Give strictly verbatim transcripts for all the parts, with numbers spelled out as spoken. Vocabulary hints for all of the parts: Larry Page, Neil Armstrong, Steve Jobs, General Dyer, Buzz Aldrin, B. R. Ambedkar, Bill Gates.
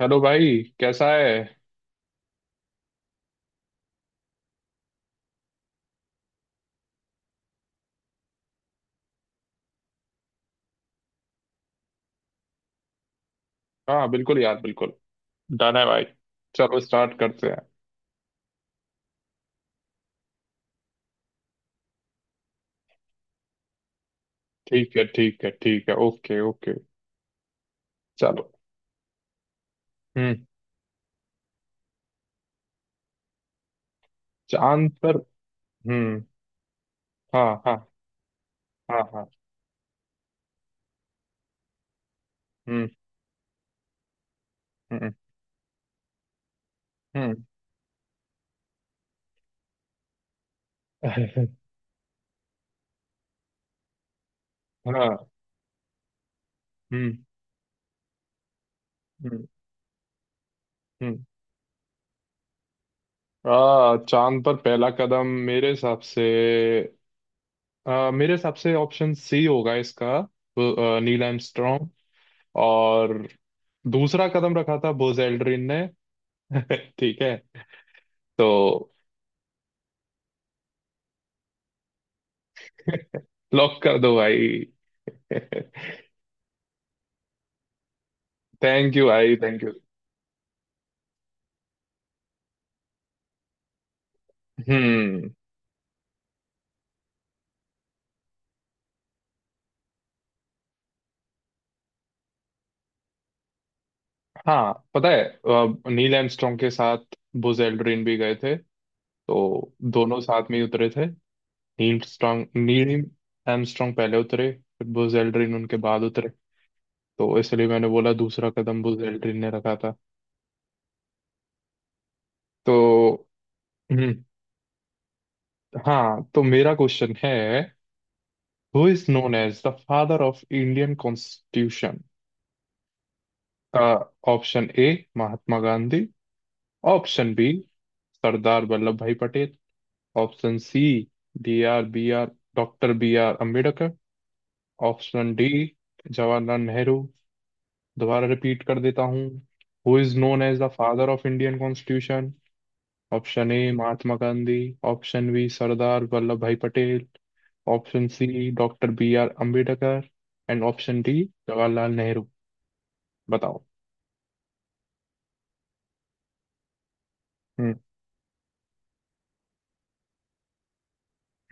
Hello भाई कैसा है। हाँ बिल्कुल यार बिल्कुल। डन है भाई। चलो स्टार्ट करते हैं। ठीक है ठीक है ठीक है ओके ओके। चलो। हम्म। चांद पर। हम्म। हाँ, हाँ, हाँ, हाँ। हम्म। हम्म। हम्म। हाँ। हम्म। हम्म। हम्म। आ चांद पर पहला कदम मेरे हिसाब से, आ, मेरे हिसाब से ऑप्शन सी होगा इसका, अ, नील आर्मस्ट्रॉन्ग। और दूसरा कदम रखा था बोज एल्ड्रिन ने। ठीक है। तो लॉक कर दो भाई। थैंक यू भाई, थैंक यू। हम्म। हाँ, पता है अ, नील आर्मस्ट्रॉन्ग के साथ बुज एल्ड्रिन भी गए थे। तो दोनों साथ में ही उतरे थे। नील स्ट्रॉन्ग नील आर्मस्ट्रॉन्ग पहले उतरे। फिर बुज एल्ड्रिन उनके बाद उतरे। तो इसलिए मैंने बोला दूसरा कदम बुज एल्ड्रिन ने रखा था। तो। हम्म। हाँ, तो मेरा क्वेश्चन है। Who is known as the father of Indian constitution. Option A Mahatma Gandhi. Option B Sardar Vallabh Bhai Patel. Option C D R B R doctor B R Ambedkar. Option D Jawaharlal Nehru. दोबारा रिपीट कर देता हूँ। Who is known as the father of Indian constitution. Option A Mahatma Gandhi. Option B Sardar Vallabh Bhai Patel. Option C doctor B R Ambedkar. And option D Jawaharlal Nehru. बताओ। हम्म।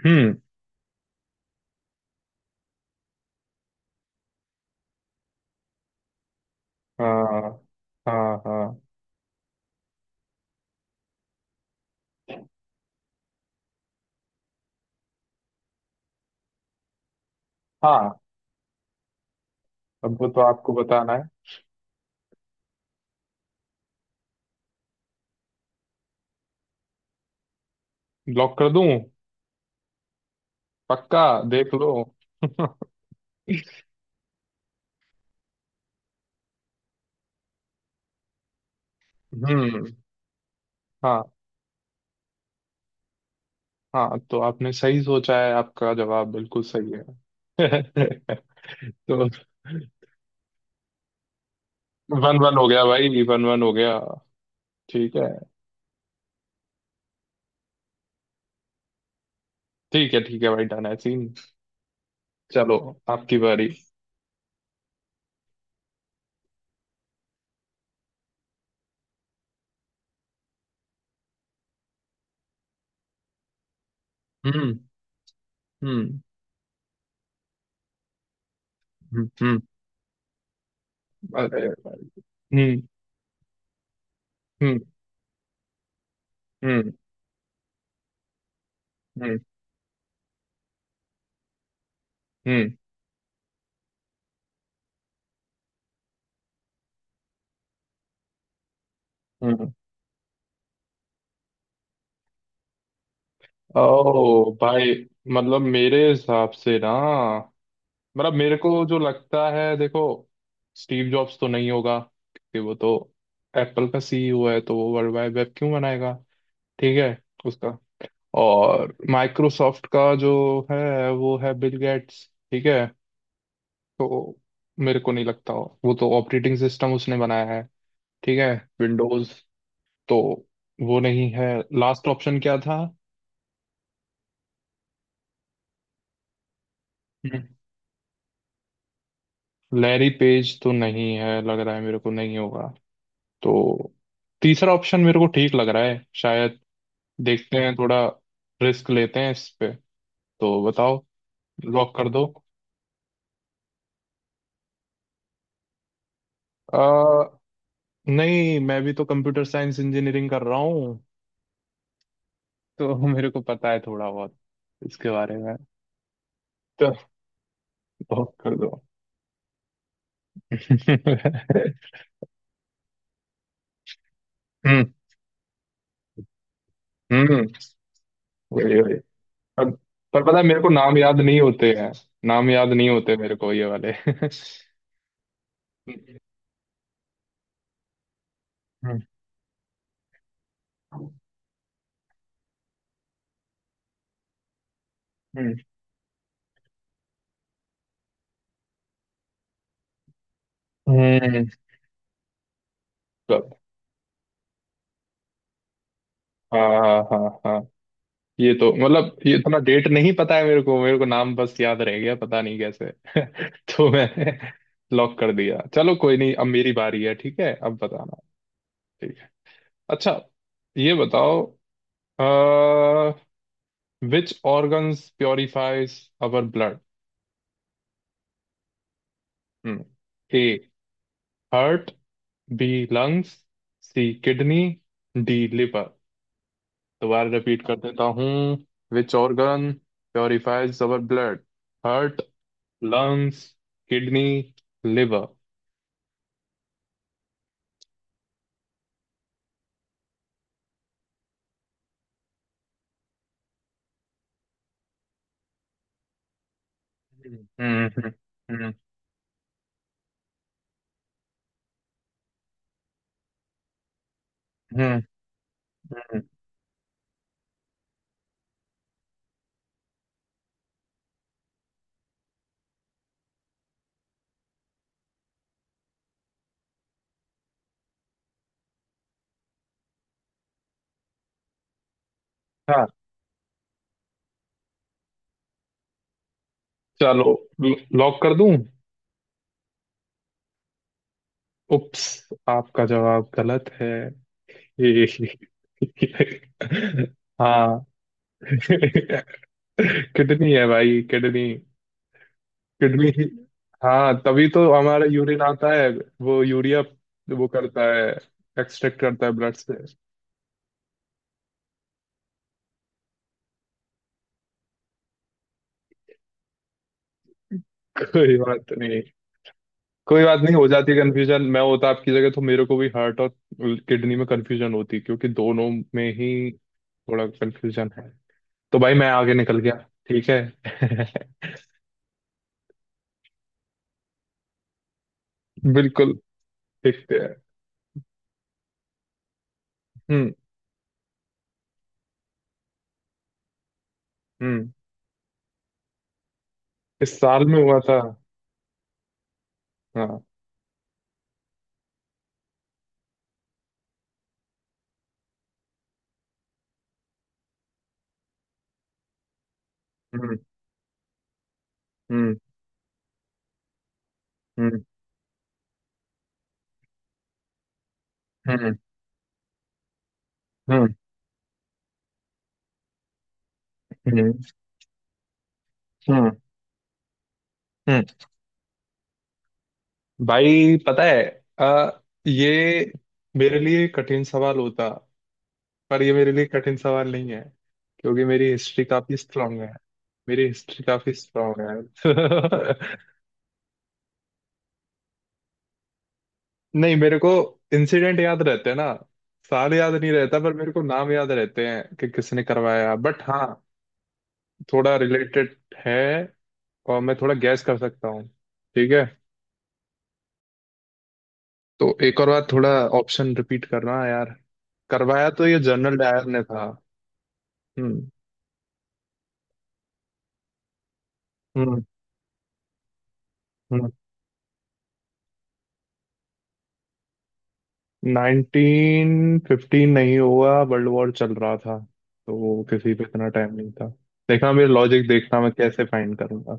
हम्म। हाँ, हाँ, हाँ, हाँ। अब वो तो आपको बताना है। लॉक कर दूं। पक्का। देख लो। हम्म। हाँ, हाँ, तो आपने सही सोचा है, आपका जवाब बिल्कुल सही है। तो वन वन हो गया भाई, वन वन हो गया। ठीक है, ठीक है ठीक है भाई, डन है सीन। चलो, आपकी बारी। हम्म, हम्म, हम्म, हम्म। अरे भाई। हम्म, हम्म, हम्म, हम्म, हम्म, हम्म। ओ भाई। मतलब मेरे हिसाब से ना। मतलब मेरे को जो लगता है, देखो, स्टीव जॉब्स तो नहीं होगा क्योंकि वो तो एप्पल का सीईओ है, तो वो वर्ल्ड वाइड वेब क्यों बनाएगा। ठीक है। उसका। और माइक्रोसॉफ्ट का जो है वो है बिल गेट्स। ठीक है। तो मेरे को नहीं लगता हो। वो तो ऑपरेटिंग सिस्टम उसने बनाया है। ठीक है। विंडोज। तो वो नहीं है। लास्ट ऑप्शन क्या था। हम्म। लैरी पेज तो नहीं है लग रहा है, मेरे को नहीं होगा। तो तीसरा ऑप्शन मेरे को ठीक लग रहा है शायद। देखते हैं थोड़ा। रिस्क लेते हैं इस पे। तो बताओ। लॉक कर दो। आ, नहीं मैं भी तो कंप्यूटर साइंस इंजीनियरिंग कर रहा हूँ। तो मेरे को पता है थोड़ा बहुत इसके बारे में। तो लॉक कर दो। हम्म, हम्म। वही वही। अब। पर पता है मेरे को नाम याद नहीं होते हैं। नाम याद नहीं होते मेरे को ये वाले। हम्म, हम्म, हम्म, हम्म। तो- हाँ, हाँ, हाँ, हाँ। ये तो मतलब ये इतना डेट नहीं पता है मेरे को मेरे को नाम बस याद रह गया, पता नहीं कैसे। तो मैंने लॉक कर दिया। चलो, कोई नहीं। अब मेरी बारी है, ठीक है, अब बताना। ठीक है। अच्छा, ये बताओ, which organs purifies our blood. A heart. B lungs. C kidney. D liver. दोबारा रिपीट कर देता हूँ। Which organ purifies our blood. Heart. Lungs. Kidney. Liver. हम्म, हम्म, हम्म, हम्म, हम्म। हाँ, चलो, लॉक कर दूं। उप्स। आपका जवाब गलत है। ये- हाँ, किडनी है भाई, किडनी। किडनी ही। हाँ, तभी तो हमारा यूरिन आता है। वो यूरिया। वो करता है। एक्सट्रैक्ट करता है ब्लड से। कोई बात नहीं। कोई बात नहीं, हो जाती है कंफ्यूजन। मैं होता आपकी जगह तो मेरे को भी हार्ट और किडनी में कंफ्यूजन होती, क्योंकि दोनों में ही थोड़ा कंफ्यूजन है। तो भाई मैं आगे निकल गया। ठीक है। बिल्कुल। देखते हैं। हम्म, हम्म। इस साल में हुआ था। हाँ। हम्म। हम्म। हम्म। हम्म। हम्म। हम्म। हम्म। हम्म। भाई, पता है, अ, ये मेरे लिए कठिन सवाल होता, पर ये मेरे लिए कठिन सवाल नहीं है, क्योंकि मेरी हिस्ट्री काफी स्ट्रांग है। मेरी हिस्ट्री काफी स्ट्रांग है। नहीं, मेरे को इंसिडेंट याद रहते हैं ना। साल याद नहीं रहता, पर मेरे को नाम याद रहते हैं कि किसने करवाया, बट हाँ, थोड़ा रिलेटेड है। और मैं थोड़ा गैस कर सकता हूँ। ठीक है। तो एक और बार थोड़ा ऑप्शन रिपीट करना यार। करवाया तो ये जनरल डायर ने था। हम्म, हम्म, हम्म। नाइनटीन फ़िफ़्टीन नहीं हुआ, वर्ल्ड वॉर चल रहा था, तो किसी पे इतना टाइम नहीं था। देखना मेरे लॉजिक, देखना मैं कैसे फाइंड करूंगा।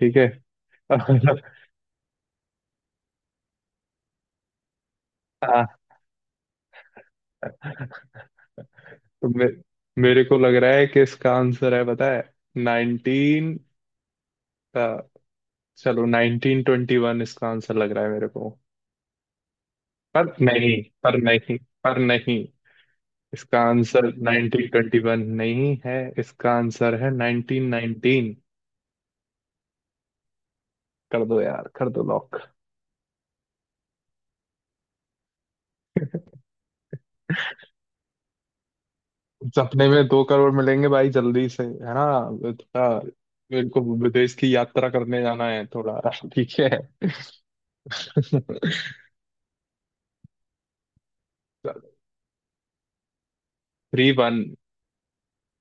ठीक है। हाँ, तो मे, मेरे को लग रहा है कि इसका आंसर है, पता है, नाइनटीन का। चलो, नाइनटीन ट्वेंटी वन इसका आंसर लग रहा है मेरे को। पर नहीं, पर नहीं, पर नहीं, इसका आंसर नाइनटीन ट्वेंटी वन नहीं है, इसका आंसर है नाइनटीन नाइनटीन। कर दो यार, कर दो लॉक। सपने में दो करोड़ मिलेंगे भाई जल्दी से, है ना। थोड़ा। मेरे को विदेश की यात्रा करने जाना है थोड़ा। ठीक है। Three one.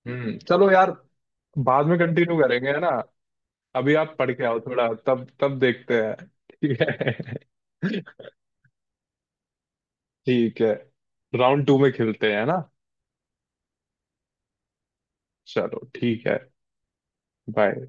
हम्म, चलो यार। बाद में कंटिन्यू करेंगे, है ना। अभी आप पढ़ के आओ थोड़ा, तब तब देखते हैं। ठीक है। ठीक है। राउंड टू में खेलते हैं, है ना। चलो ठीक है। बाय।